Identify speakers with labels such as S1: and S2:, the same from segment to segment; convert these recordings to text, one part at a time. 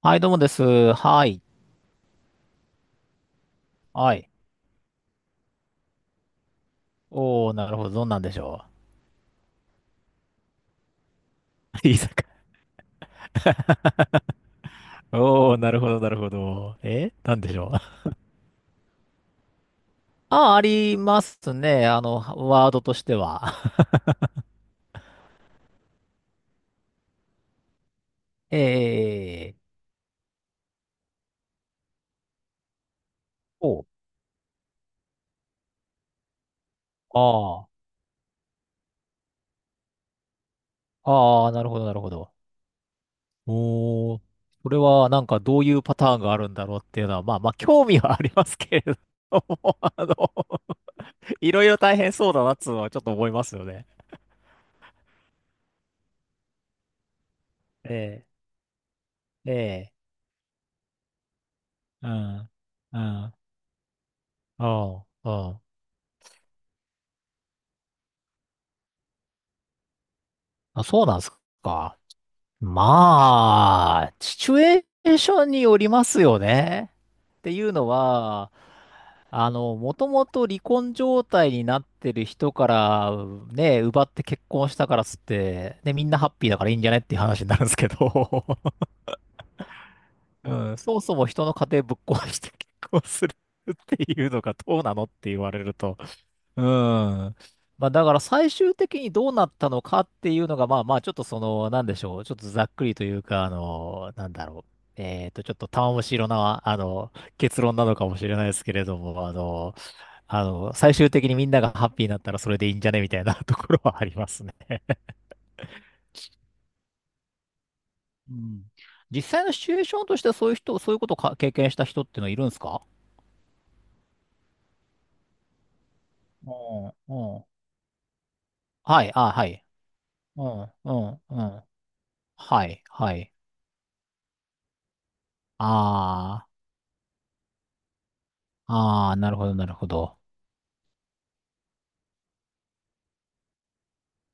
S1: はい、どうもです。はい。はい。おー、なるほど。どんなんでしょう。いいさか。おー、なるほど、なるほど。なんでしょう。あ、ありますね。あの、ワードとしては。えー。おああー。あーなるほど、なるほど。おー。それは、どういうパターンがあるんだろうっていうのは、まあまあ、興味はありますけれども、あの、いろいろ大変そうだなっつうのはちょっと思いますよね。えー、えうん、うん、うん、うん。あ、そうなんですか。まあ、シチュエーションによりますよね。っていうのは、もともと離婚状態になってる人から、ね、奪って結婚したからっつって、ね、みんなハッピーだからいいんじゃねっていう話になるんですけど、うん、そもそも人の家庭ぶっ壊して結婚するっていうのがどうなのって言われると、うん。まあ、だから最終的にどうなったのかっていうのが、まあまあ、ちょっとその、なんでしょう。ちょっとざっくりというか、ちょっと玉虫色な、結論なのかもしれないですけれども、最終的にみんながハッピーになったらそれでいいんじゃねみたいな ところはありますね。うん。実際のシチュエーションとしてはそういう人、そういうことを経験した人っていうのはいるんですか？うん。うん。はい、あ、はい。うん、うん、うん。はい、はい。ああ。ああ、なるほど、なるほど。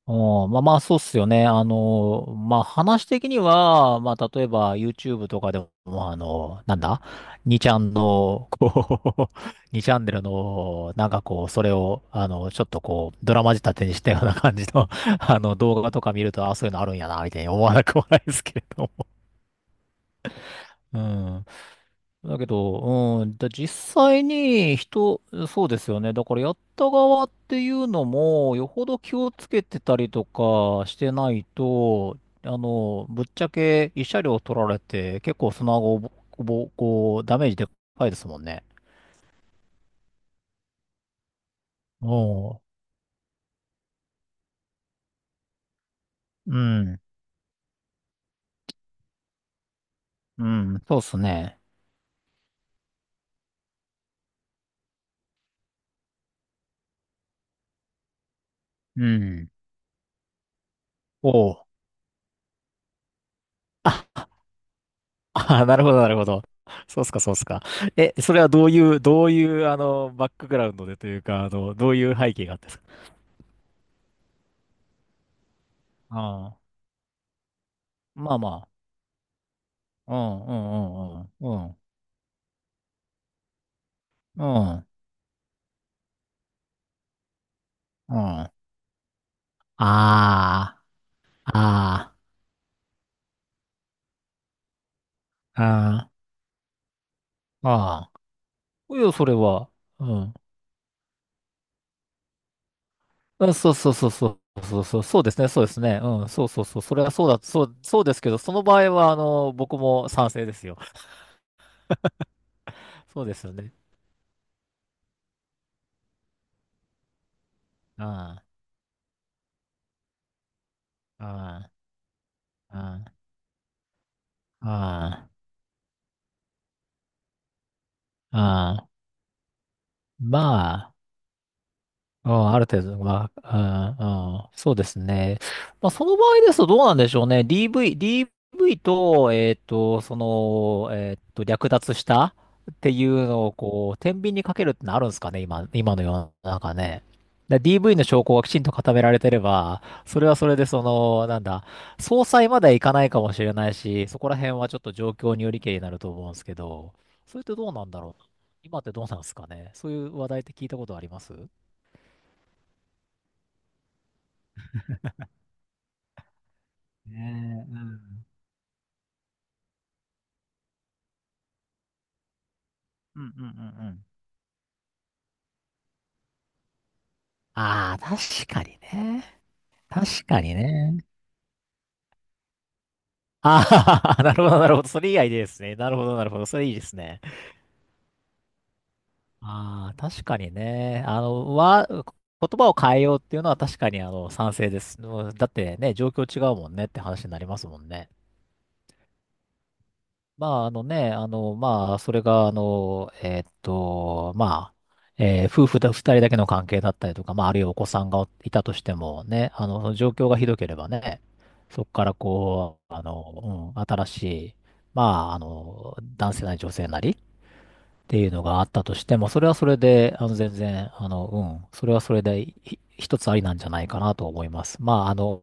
S1: お、まあまあ、そうっすよね。まあ話的には、まあ例えば YouTube とかでも、まああの、なんだにちゃんの、こう、にチャンネルの、なんかこう、それを、ちょっとこう、ドラマ仕立てにしたような感じの、動画とか見ると、あ、そういうのあるんやな、みたいに思わなくもないですけれども。うん。だけど、実際に人、そうですよね。だからやった側っていうのも、よほど気をつけてたりとかしてないと、ぶっちゃけ一車両取られて、結構その後、こう、ダメージでかいですもんね。おう。うん。うん。そうっすね。うん。おう。ああ、なるほど、なるほど。そうっすか、そうっすか。え、それはどういう、どういう、バックグラウンドでというか、あの、どういう背景があって？ああ、まあまあ。うん、うん、うん、うん、うん、うん。うん。ああ、ああ、ああ、ああ。いや、それは。うん。あ、そうそうそうそう。そうそう、そうですね、そうですね。うん、そうそうそう。それはそうだ、そう、そうですけど、その場合は、僕も賛成ですよ。そうですよね。ああ、ああ、ああ、ああ、ああ。まあ。うん、ある程度は、うん、うん、そうですね。まあ、その場合ですとどうなんでしょうね。DV、DV と、略奪したっていうのを、こう、天秤にかけるってのあるんですかね、今、今の世の中ね。で DV の証拠がきちんと固められてれば、それはそれで、その、なんだ、総裁まではいかないかもしれないし、そこら辺はちょっと状況によりけりになると思うんですけど、それってどうなんだろう。今ってどうなんですかね。そういう話題って聞いたことあります？ねえ、うん。うんうんうんうん。ああ、確かにね。確かにね。ああ、なるほど、なるほど。それ以外でですね。なるほど、なるほど。それいいですね。ああ、確かにね。言葉を変えようっていうのは確かに、賛成です。もうだってね、状況違うもんねって話になりますもんね。まあ、あのね、あの、まあ、それが、あの、えーっと、まあ、えー夫婦だ、二人だけの関係だったりとか、まあ、あるいはお子さんがいたとしてもね、状況がひどければね、そこからこう、新しい、ま男性なり女性なり、っていうのがあったとしても、それはそれで、あの、全然、あの、うん、それはそれで、一つありなんじゃないかなと思います。まあ、あの、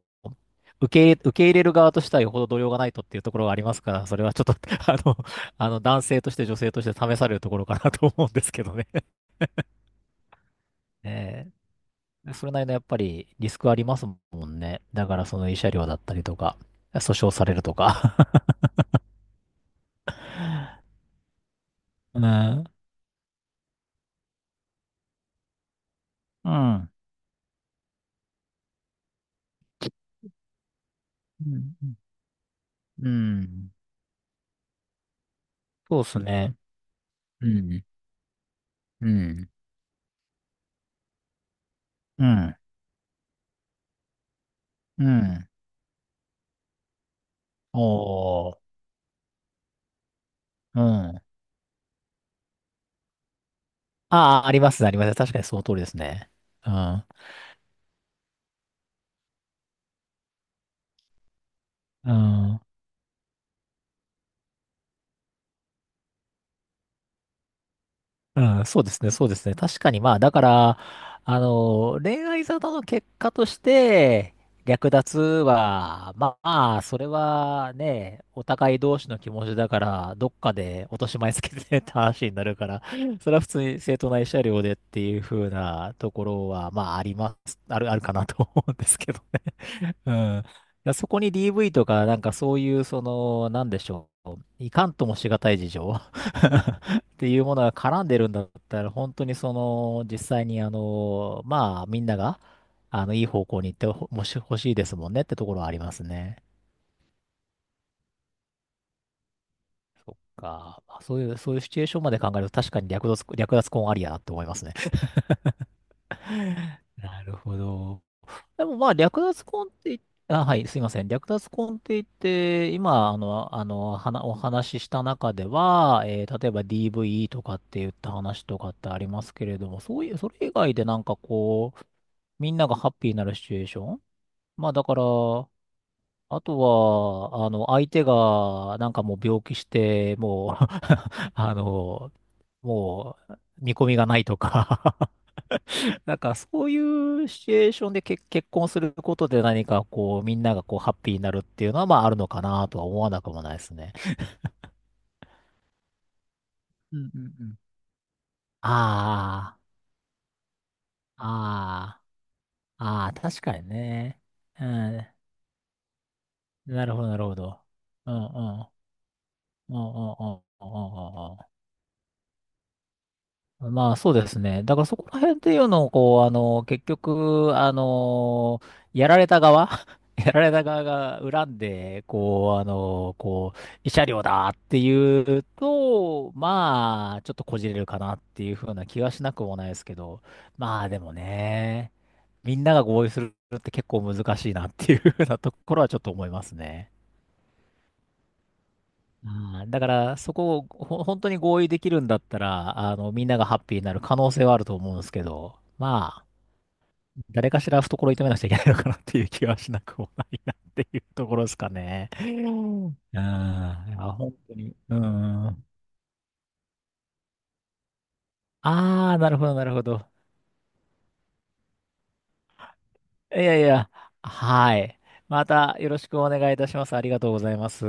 S1: 受け入れる側としてはよほど度量がないとっていうところがありますから、それはちょっと あの、男性として女性として試されるところかなと思うんですけどね。えそれなりのやっぱりリスクありますもんね。だからその慰謝料だったりとか、訴訟されるとか。うん。うん。うん。うん。そうですね。うん。うん。うん。うん。おー。うん。ああ、ありますね、ありますね。確かにその通りですね。うん。うん。うん。そうですね、そうですね。確かに、まあ、だから、恋愛沙汰の結果として、略奪は、まあ、それはね、お互い同士の気持ちだから、どっかで落とし前つけてねって話になるから、それは普通に正当な慰謝料でっていう風なところは、まあ、あります、ある、あるかなと思うんですけどね。うん。いや、そこに DV とか、なんかそういう、その、なんでしょう。いかんともしがたい事情 っていうものが絡んでるんだったら、本当にその、実際にあの、まあ、みんなが、いい方向に行ってほ、もし、欲しいですもんねってところはありますね。そっか。まあ、そういう、そういうシチュエーションまで考えると、確かに略奪、略奪婚ありやなって思いますね。なるほど。でもまあ、略奪婚って言っ、あ、はい、すいません。略奪婚って言って、今、お話しした中では、例えば DV とかって言った話とかってありますけれども、そういう、それ以外でなんかこう、みんながハッピーになるシチュエーション。まあ、だから、あとは、あの、相手が、なんかもう病気して、もう あの、もう、見込みがないとかなんかそういうシチュエーションで結婚することで何かこうみんながこうハッピーになるっていうのはまああるのかなとは思わなくもないですね。うんうんうん。ああ、ああ、ああ、確かにね。うん。なるほど、なるほど。うんうん。うんうんうんうんうんうん。まあそうですね。だからそこら辺っていうのを、こう、あの、結局、やられた側 やられた側が恨んで、慰謝料だっていうと、まあ、ちょっとこじれるかなっていうふうな気はしなくもないですけど、まあでもね、みんなが合意するって結構難しいなっていうふうなところはちょっと思いますね。あー、だから、そこを本当に合意できるんだったら、みんながハッピーになる可能性はあると思うんですけど、まあ、誰かしら懐を痛めなくちゃいけないのかなっていう気はしなくもないなっていうところですかね。うん。あー本当に。うん。ああ、なるほど、なるほど。いやいや、はい。またよろしくお願いいたします。ありがとうございます。